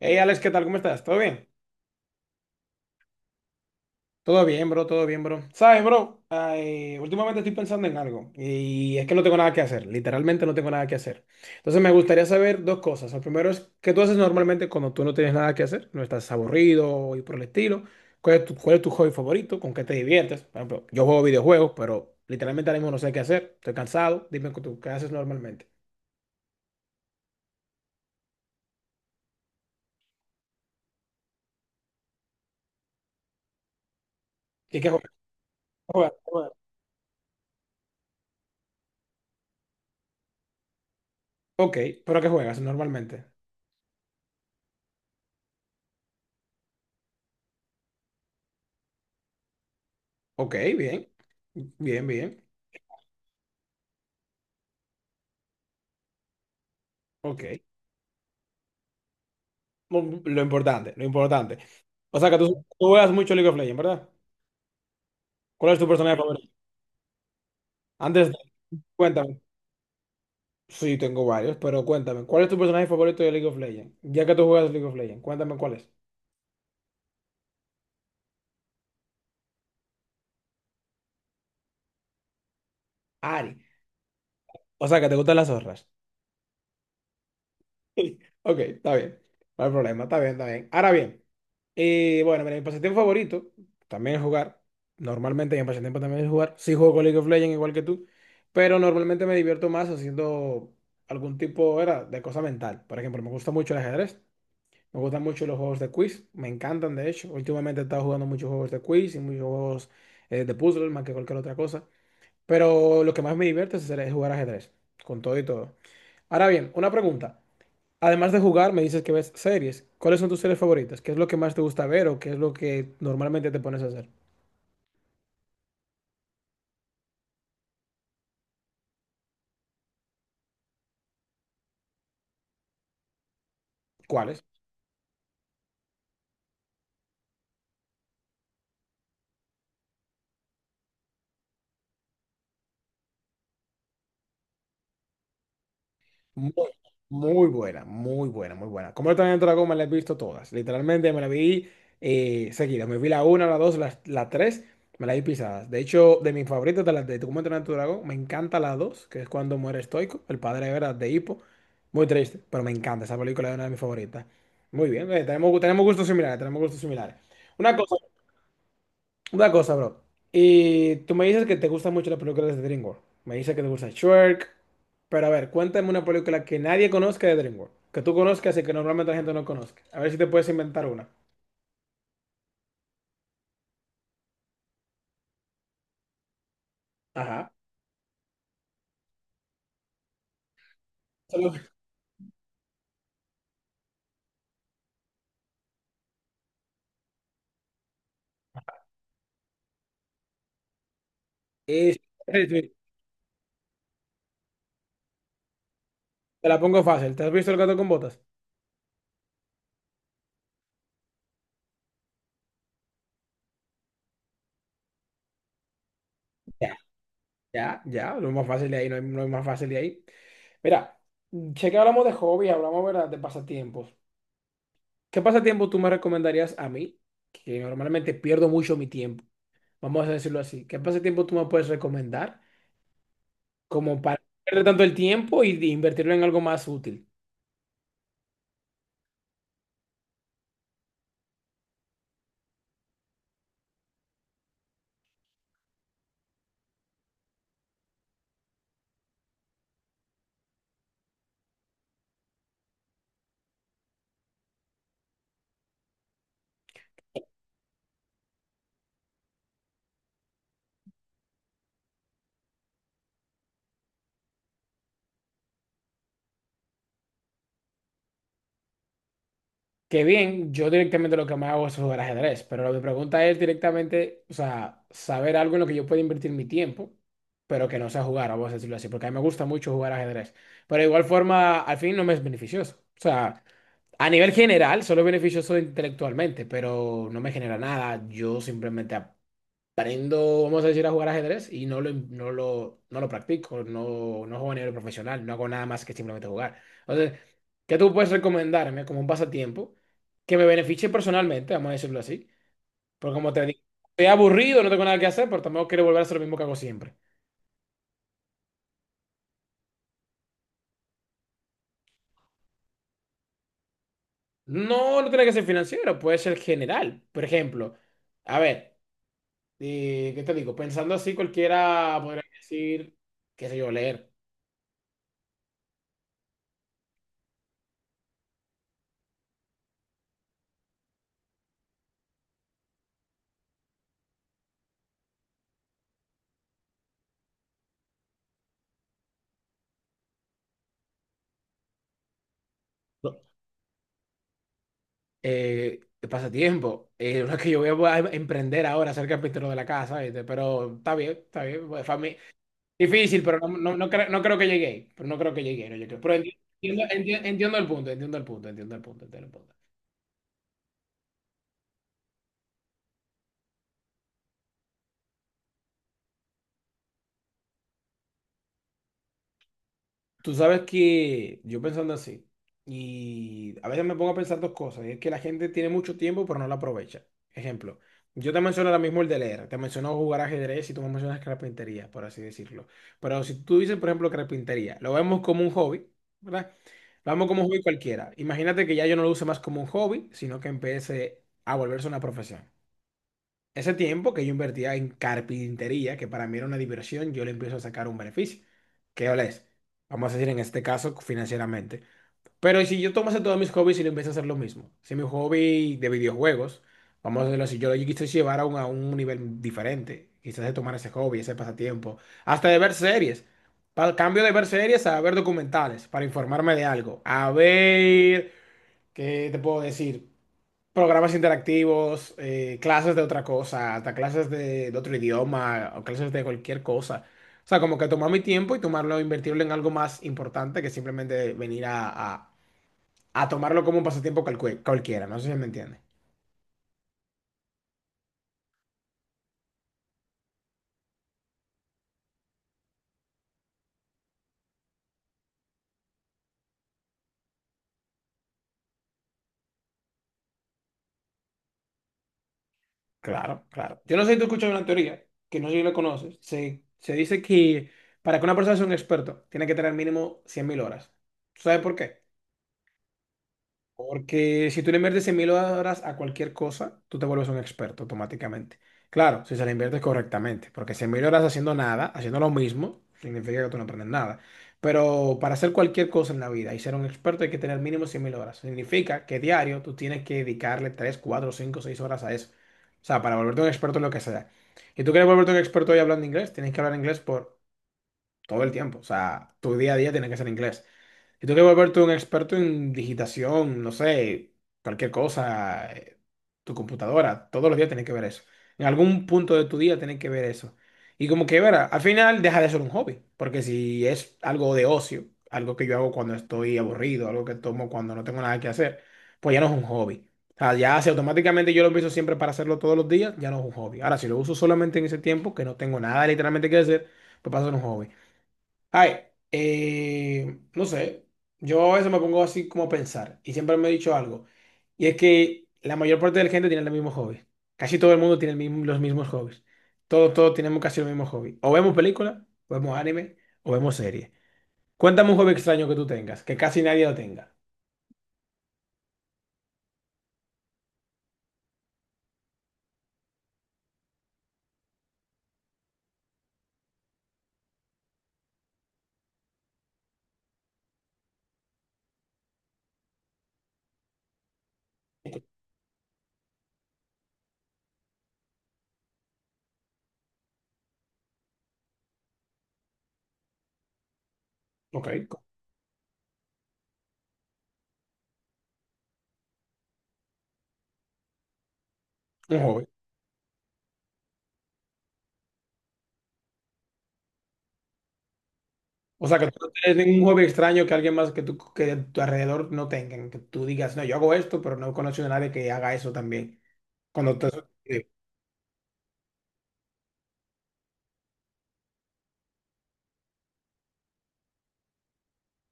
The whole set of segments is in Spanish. Hey Alex, ¿qué tal? ¿Cómo estás? ¿Todo bien? Todo bien, bro, todo bien, bro. ¿Sabes, bro? Ay, últimamente estoy pensando en algo y es que no tengo nada que hacer, literalmente no tengo nada que hacer. Entonces me gustaría saber dos cosas. El primero es, ¿qué tú haces normalmente cuando tú no tienes nada que hacer? No estás aburrido y por el estilo. ¿Cuál es tu hobby favorito? ¿Con qué te diviertes? Por ejemplo, yo juego videojuegos, pero literalmente ahora mismo no sé qué hacer. Estoy cansado. Dime tú, ¿qué haces normalmente? ¿Y qué juegas? ¿Qué juegas? ¿Qué juegas? Ok, ¿pero qué juegas normalmente? Ok, bien, bien, bien. Ok. Lo importante, lo importante. O sea que tú juegas mucho League of Legends, ¿verdad? ¿Cuál es tu personaje favorito? Antes, de- Cuéntame. Sí, tengo varios, pero cuéntame. ¿Cuál es tu personaje favorito de League of Legends? Ya que tú juegas League of Legends, cuéntame cuál es. Ari. O sea que te gustan las zorras. Ok, está bien. No hay problema, está bien, está bien. Ahora bien, bueno, mira, mi pasatiempo favorito también es jugar. Normalmente mi pasatiempo también es jugar. Sí juego con League of Legends igual que tú, pero normalmente me divierto más haciendo algún tipo era, de cosa mental. Por ejemplo, me gusta mucho el ajedrez, me gustan mucho los juegos de quiz, me encantan de hecho. Últimamente he estado jugando muchos juegos de quiz y muchos juegos de puzzle más que cualquier otra cosa. Pero lo que más me divierte es es jugar ajedrez, con todo y todo. Ahora bien, una pregunta. Además de jugar, me dices que ves series. ¿Cuáles son tus series favoritas? ¿Qué es lo que más te gusta ver o qué es lo que normalmente te pones a hacer? ¿Cuáles? Muy, muy buena, muy buena, muy buena. Como yo también Dragón me la he visto todas. Literalmente me la vi seguida. Me vi la una, la dos, la tres, me la vi pisadas. De hecho, de mis favoritas de las de Cómo entrenar a tu dragón, me encanta la dos, que es cuando muere Stoico, el padre de Vera de Hippo. Muy triste, pero me encanta. Esa película es una de mis favoritas. Muy bien, tenemos, tenemos gustos similares, tenemos gustos similares. Una cosa. Una cosa, bro. Y tú me dices que te gustan mucho las películas de DreamWorks. Me dices que te gusta Shrek. Pero a ver, cuéntame una película que nadie conozca de DreamWorks. Que tú conozcas y que normalmente la gente no conozca. A ver si te puedes inventar una. Ajá. Solo- Eh, sí, sí, te la pongo fácil. ¿Te has visto El gato con botas? Ya, ya, ya. Lo más fácil de ahí, no hay más fácil de ahí. Mira, sé que hablamos de hobby, hablamos, ¿verdad? De pasatiempos. ¿Qué pasatiempo tú me recomendarías a mí? Que normalmente pierdo mucho mi tiempo. Vamos a decirlo así, ¿qué pasatiempo tú me puedes recomendar como para no perder tanto el tiempo y de invertirlo en algo más útil? Que bien, yo directamente lo que me hago es jugar ajedrez, pero mi pregunta es directamente, o sea, saber algo en lo que yo pueda invertir mi tiempo, pero que no sea jugar, vamos a decirlo así, porque a mí me gusta mucho jugar ajedrez, pero de igual forma, al fin no me es beneficioso. O sea, a nivel general, solo es beneficioso intelectualmente, pero no me genera nada, yo simplemente aprendo, vamos a decir, a jugar ajedrez y no lo practico, no juego a nivel profesional, no hago nada más que simplemente jugar. Entonces, ¿qué tú puedes recomendarme como un pasatiempo que me beneficie personalmente, vamos a decirlo así? Porque como te digo, estoy aburrido, no tengo nada que hacer, pero tampoco quiero volver a hacer lo mismo que hago siempre. No, no tiene que ser financiero, puede ser general. Por ejemplo, a ver, ¿qué te digo? Pensando así, cualquiera podría decir, qué sé yo, leer. Eh, pasatiempo. Uno que yo voy a emprender ahora, ser carpintero de la casa, ¿viste? Pero está bien, está bien. Difícil, pero no, no, no, no creo que llegue. Pero no creo que llegue. No llegué. Pero entiendo, entiendo, entiendo el punto, entiendo el punto, entiendo el punto, entiendo el punto. Tú sabes que yo pensando así, y a veces me pongo a pensar dos cosas, y es que la gente tiene mucho tiempo pero no lo aprovecha. Ejemplo, yo te menciono ahora mismo el de leer, te menciono jugar ajedrez y tú me mencionas carpintería, por así decirlo. Pero si tú dices, por ejemplo, carpintería, lo vemos como un hobby, ¿verdad? Lo vemos como un hobby cualquiera. Imagínate que ya yo no lo use más como un hobby, sino que empiece a volverse una profesión. Ese tiempo que yo invertía en carpintería, que para mí era una diversión, yo le empiezo a sacar un beneficio. ¿Qué ole es? Vamos a decir en este caso financieramente. Pero si yo tomase todos mis hobbies y le empiezo a hacer lo mismo, si mi hobby de videojuegos, vamos a decirlo así, yo lo quise llevar a un nivel diferente, quizás de tomar ese hobby, ese pasatiempo, hasta de ver series. Para el cambio de ver series a ver documentales, para informarme de algo. A ver, ¿qué te puedo decir? Programas interactivos, clases de otra cosa, hasta clases de otro idioma o clases de cualquier cosa. O sea, como que tomar mi tiempo y tomarlo, invertirlo en algo más importante que simplemente venir a tomarlo como un pasatiempo cualquiera. No sé si me entiende. Claro, claro. Yo no sé si tú escuchas una teoría, que no sé si la conoces. Se dice que para que una persona sea un experto, tiene que tener mínimo 100.000 horas. ¿Sabes por qué? Porque si tú le inviertes 100 mil horas a cualquier cosa, tú te vuelves un experto automáticamente. Claro, si se le inviertes correctamente, porque 100 mil horas haciendo nada, haciendo lo mismo, significa que tú no aprendes nada. Pero para hacer cualquier cosa en la vida y ser un experto hay que tener mínimo 100 mil horas. Significa que diario tú tienes que dedicarle 3, 4, 5, 6 horas a eso. O sea, para volverte un experto en lo que sea. Y tú quieres volverte un experto hoy hablando inglés, tienes que hablar inglés por todo el tiempo. O sea, tu día a día tiene que ser inglés. Y tú que volverte un experto en digitación, no sé, cualquier cosa, tu computadora, todos los días tienes que ver eso. En algún punto de tu día tienes que ver eso. Y como que, verá, al final deja de ser un hobby, porque si es algo de ocio, algo que yo hago cuando estoy aburrido, algo que tomo cuando no tengo nada que hacer, pues ya no es un hobby. O sea, ya si automáticamente yo lo empiezo siempre para hacerlo todos los días, ya no es un hobby. Ahora, si lo uso solamente en ese tiempo, que no tengo nada literalmente que hacer, pues pasa a ser un hobby. Ay, no sé, yo a veces me pongo así como a pensar y siempre me he dicho algo, y es que la mayor parte de la gente tiene el mismo hobby. Casi todo el mundo tiene los mismos hobbies. Todos, todos tenemos casi el mismo hobby. O vemos películas, o vemos anime, o vemos series. Cuéntame un hobby extraño que tú tengas, que casi nadie lo tenga. Ok, un hobby. O sea, que tú no tienes ningún hobby extraño que alguien más que tú, que a tu alrededor no tengan, que tú digas, no, yo hago esto, pero no conozco a nadie que haga eso también. Cuando te.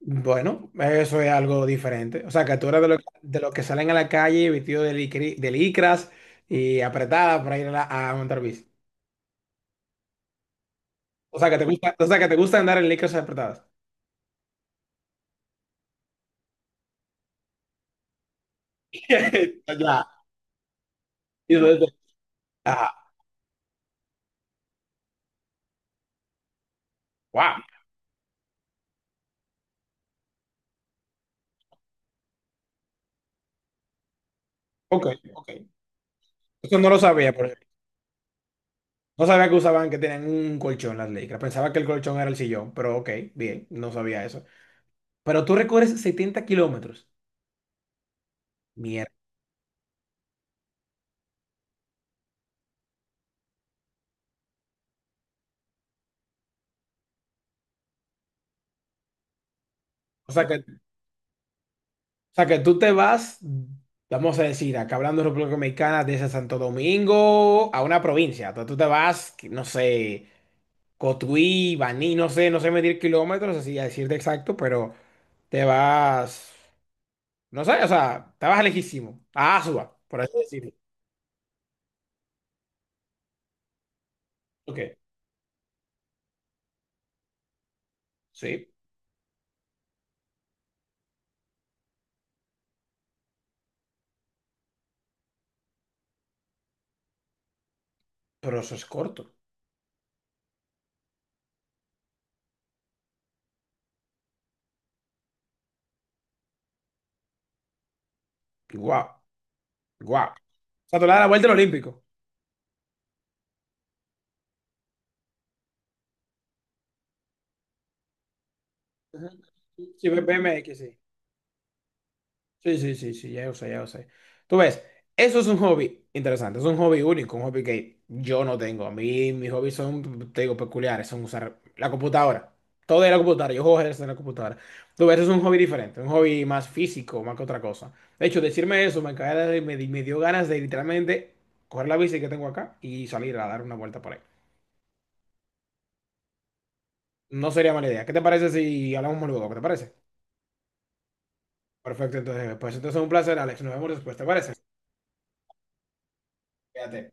Bueno, eso es algo diferente. O sea, que tú eres de los que salen a la calle vestidos de licras y apretadas para ir a montar bici. O sea, que te gusta, o sea, que te gusta andar en licras apretadas. Ya. Y eso es Ajá. Wow. Ok, ok. Eso no lo sabía, por ejemplo. No sabía que usaban que tenían un colchón las licras. Pensaba que el colchón era el sillón, pero ok, bien, no sabía eso. Pero tú recorres 70 kilómetros. Mierda. O sea, que o sea, que tú te vas, vamos a decir, acá hablando de República Dominicana, desde Santo Domingo a una provincia. Entonces tú te vas, que no sé, Cotuí, Baní, no sé medir kilómetros, así a decirte exacto, pero te vas, no sé, o sea, te vas lejísimo, a Asua, por así decirlo. Ok, sí, pero eso es corto. Guau, guau. O sea, tú le das la vuelta al Olímpico. Ujú. Sí, BMX, sí. Sí, sí, sí, sí, ya lo sé, ya lo sé. Tú ves, eso es un hobby interesante, es un hobby único, un hobby que yo no tengo. A mí mis hobbies son, te digo, peculiares, son usar la computadora. Todo es la computadora, yo juego ajedrez en la computadora. Tú ves, es un hobby diferente, un hobby más físico, más que otra cosa. De hecho, decirme eso me, cae- de- me, di- me dio ganas de literalmente coger la bici que tengo acá y salir a dar una vuelta por ahí. No sería mala idea. ¿Qué te parece si hablamos luego? ¿Qué te parece? Perfecto, pues entonces un placer, Alex. Nos vemos después, ¿te parece? Cuídate.